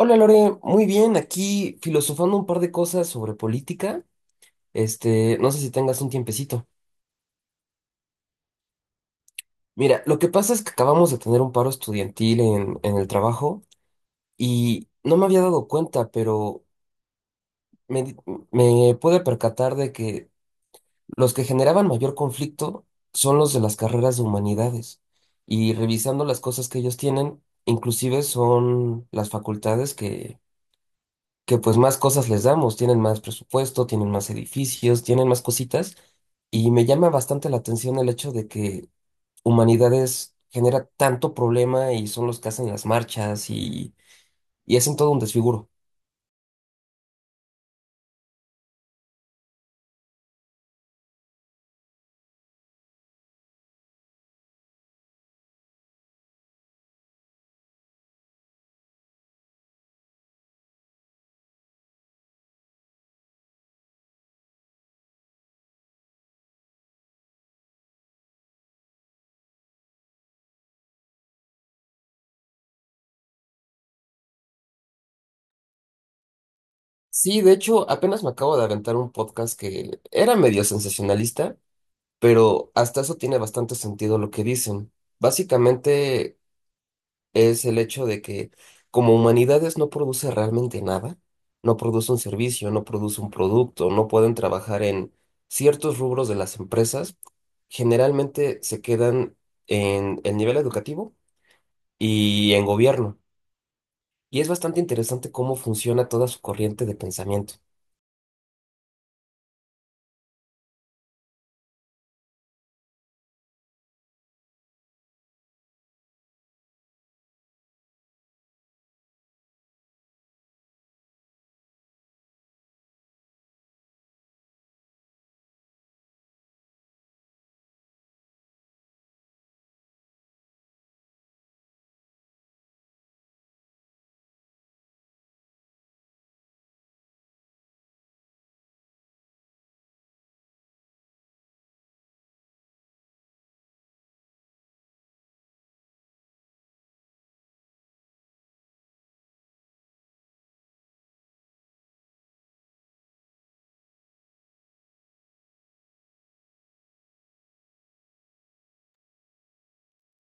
Hola Lore, muy bien, aquí filosofando un par de cosas sobre política. Este, no sé si tengas un tiempecito. Mira, lo que pasa es que acabamos de tener un paro estudiantil en el trabajo y no me había dado cuenta, pero me, di- me pude percatar de que los que generaban mayor conflicto son los de las carreras de humanidades. Y revisando las cosas que ellos tienen, inclusive son las facultades que pues más cosas les damos, tienen más presupuesto, tienen más edificios, tienen más cositas, y me llama bastante la atención el hecho de que Humanidades genera tanto problema y son los que hacen las marchas y hacen todo un desfiguro. Sí, de hecho, apenas me acabo de aventar un podcast que era medio sensacionalista, pero hasta eso tiene bastante sentido lo que dicen. Básicamente es el hecho de que como humanidades no produce realmente nada, no produce un servicio, no produce un producto, no pueden trabajar en ciertos rubros de las empresas, generalmente se quedan en el nivel educativo y en gobierno. Y es bastante interesante cómo funciona toda su corriente de pensamiento.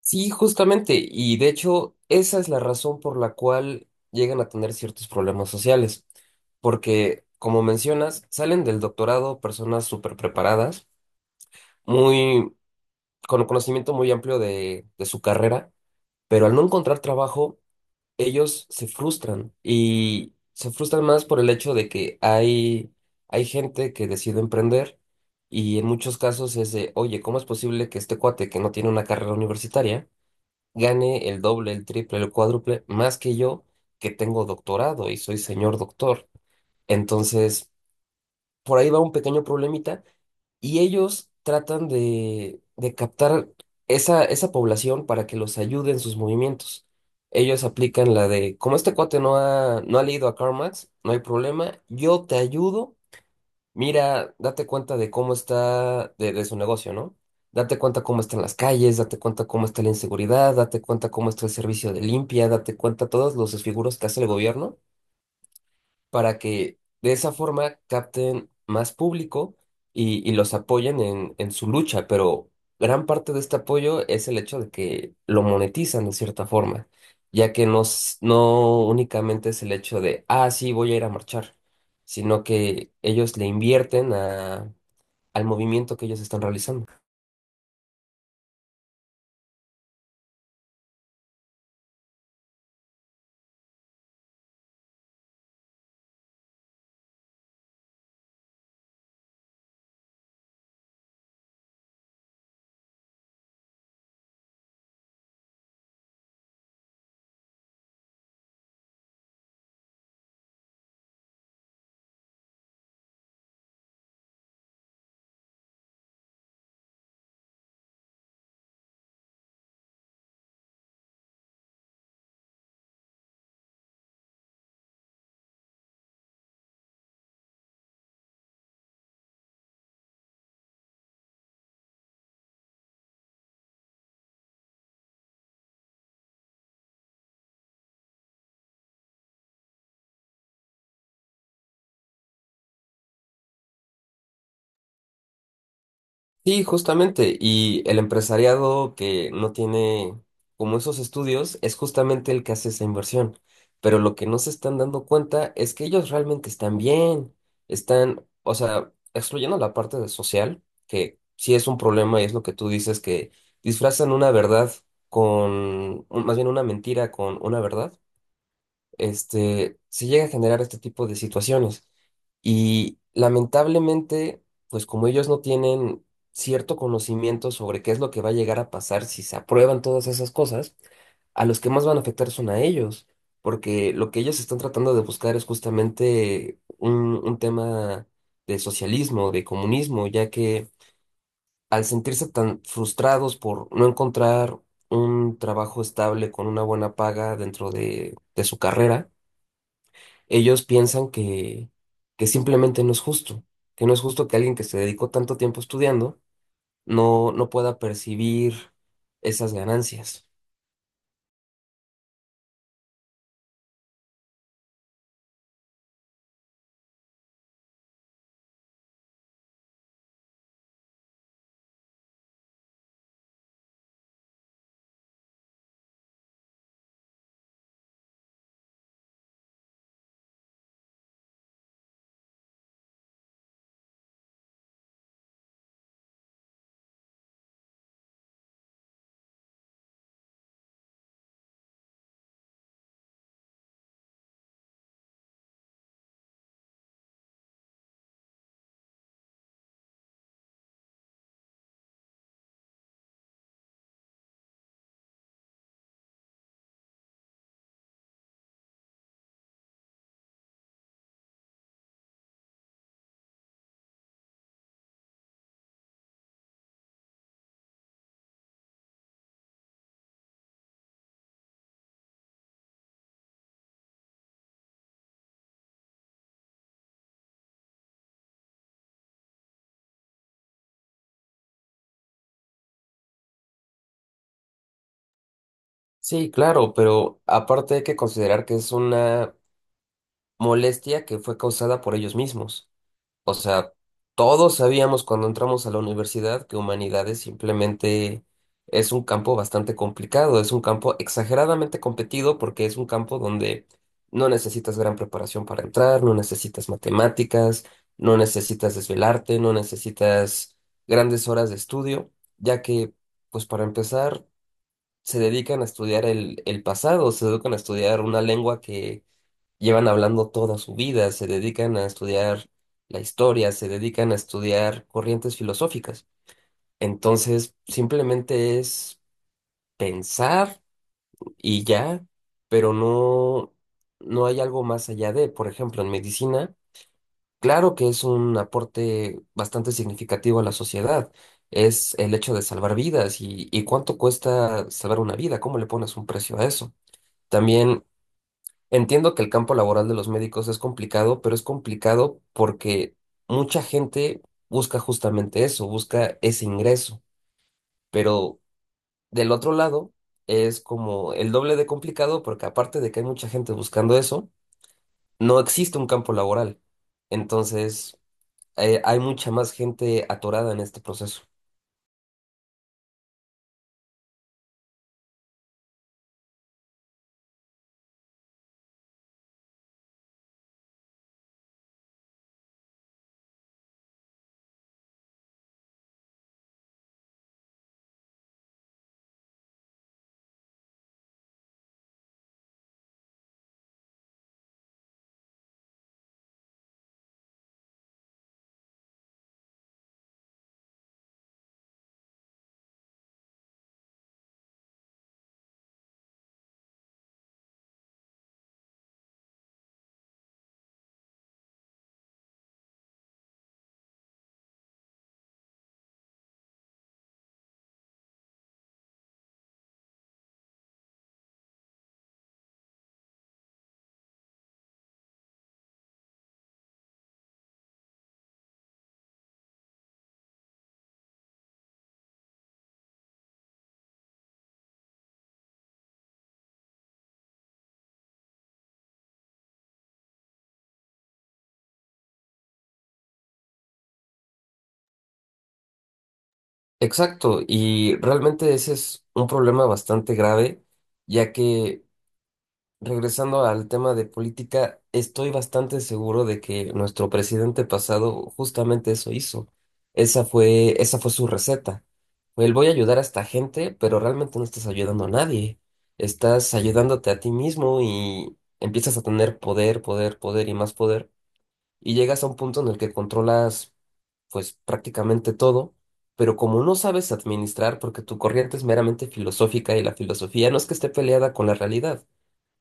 Sí, justamente, y de hecho esa es la razón por la cual llegan a tener ciertos problemas sociales, porque como mencionas, salen del doctorado personas súper preparadas, muy, con un conocimiento muy amplio de su carrera, pero al no encontrar trabajo, ellos se frustran y se frustran más por el hecho de que hay gente que decide emprender y en muchos casos es de, oye, ¿cómo es posible que este cuate que no tiene una carrera universitaria gane el doble, el triple, el cuádruple más que yo que tengo doctorado y soy señor doctor? Entonces, por ahí va un pequeño problemita y ellos tratan de captar esa población para que los ayude en sus movimientos. Ellos aplican la de, como este cuate no ha leído a Karl Marx, no hay problema, yo te ayudo, mira, date cuenta de cómo está, de su negocio, ¿no? Date cuenta cómo están las calles, date cuenta cómo está la inseguridad, date cuenta cómo está el servicio de limpia, date cuenta todos los desfiguros que hace el gobierno para que de esa forma capten más público y los apoyen en su lucha, pero gran parte de este apoyo es el hecho de que lo monetizan de cierta forma, ya que no únicamente es el hecho de, ah, sí, voy a ir a marchar, sino que ellos le invierten a, al movimiento que ellos están realizando. Sí, justamente. Y el empresariado que no tiene como esos estudios es justamente el que hace esa inversión. Pero lo que no se están dando cuenta es que ellos realmente están bien. Están, o sea, excluyendo la parte de social, que sí es un problema y es lo que tú dices, que disfrazan una verdad con, más bien una mentira con una verdad este, se llega a generar este tipo de situaciones. Y lamentablemente, pues como ellos no tienen cierto conocimiento sobre qué es lo que va a llegar a pasar si se aprueban todas esas cosas, a los que más van a afectar son a ellos, porque lo que ellos están tratando de buscar es justamente un tema de socialismo, de comunismo, ya que al sentirse tan frustrados por no encontrar un trabajo estable con una buena paga dentro de su carrera, ellos piensan que simplemente no es justo, que no es justo que alguien que se dedicó tanto tiempo estudiando no pueda percibir esas ganancias. Sí, claro, pero aparte hay que considerar que es una molestia que fue causada por ellos mismos. O sea, todos sabíamos cuando entramos a la universidad que humanidades simplemente es un campo bastante complicado, es un campo exageradamente competido porque es un campo donde no necesitas gran preparación para entrar, no necesitas matemáticas, no necesitas desvelarte, no necesitas grandes horas de estudio, ya que, pues para empezar, se dedican a estudiar el pasado, se dedican a estudiar una lengua que llevan hablando toda su vida, se dedican a estudiar la historia, se dedican a estudiar corrientes filosóficas. Entonces, simplemente es pensar y ya, pero no, no hay algo más allá de, por ejemplo, en medicina, claro que es un aporte bastante significativo a la sociedad. Es el hecho de salvar vidas y cuánto cuesta salvar una vida, cómo le pones un precio a eso. También entiendo que el campo laboral de los médicos es complicado, pero es complicado porque mucha gente busca justamente eso, busca ese ingreso. Pero del otro lado es como el doble de complicado porque aparte de que hay mucha gente buscando eso, no existe un campo laboral. Entonces, hay mucha más gente atorada en este proceso. Exacto, y realmente ese es un problema bastante grave, ya que regresando al tema de política, estoy bastante seguro de que nuestro presidente pasado justamente eso hizo. Esa fue su receta. Fue el voy a ayudar a esta gente, pero realmente no estás ayudando a nadie. Estás ayudándote a ti mismo y empiezas a tener poder, poder, poder y más poder. Y llegas a un punto en el que controlas, pues, prácticamente todo. Pero como no sabes administrar, porque tu corriente es meramente filosófica y la filosofía no es que esté peleada con la realidad,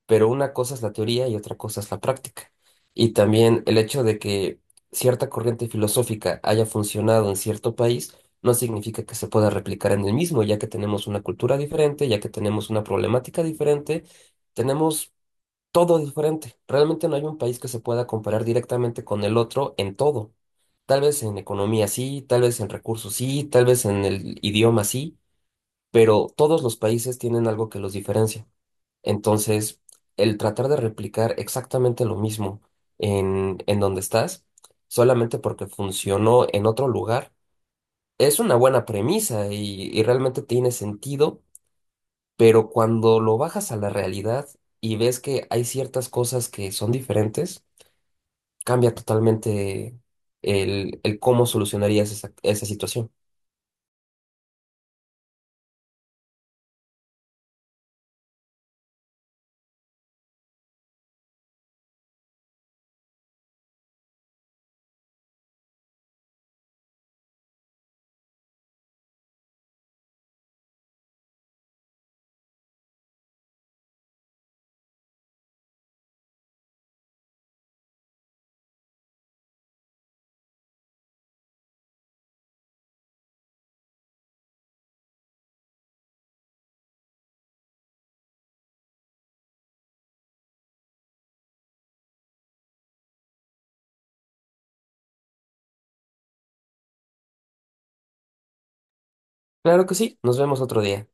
pero una cosa es la teoría y otra cosa es la práctica. Y también el hecho de que cierta corriente filosófica haya funcionado en cierto país no significa que se pueda replicar en el mismo, ya que tenemos una cultura diferente, ya que tenemos una problemática diferente, tenemos todo diferente. Realmente no hay un país que se pueda comparar directamente con el otro en todo. Tal vez en economía sí, tal vez en recursos sí, tal vez en el idioma sí, pero todos los países tienen algo que los diferencia. Entonces, el tratar de replicar exactamente lo mismo en donde estás, solamente porque funcionó en otro lugar, es una buena premisa y realmente tiene sentido, pero cuando lo bajas a la realidad y ves que hay ciertas cosas que son diferentes, cambia totalmente el cómo solucionarías esa situación. Claro que sí, nos vemos otro día.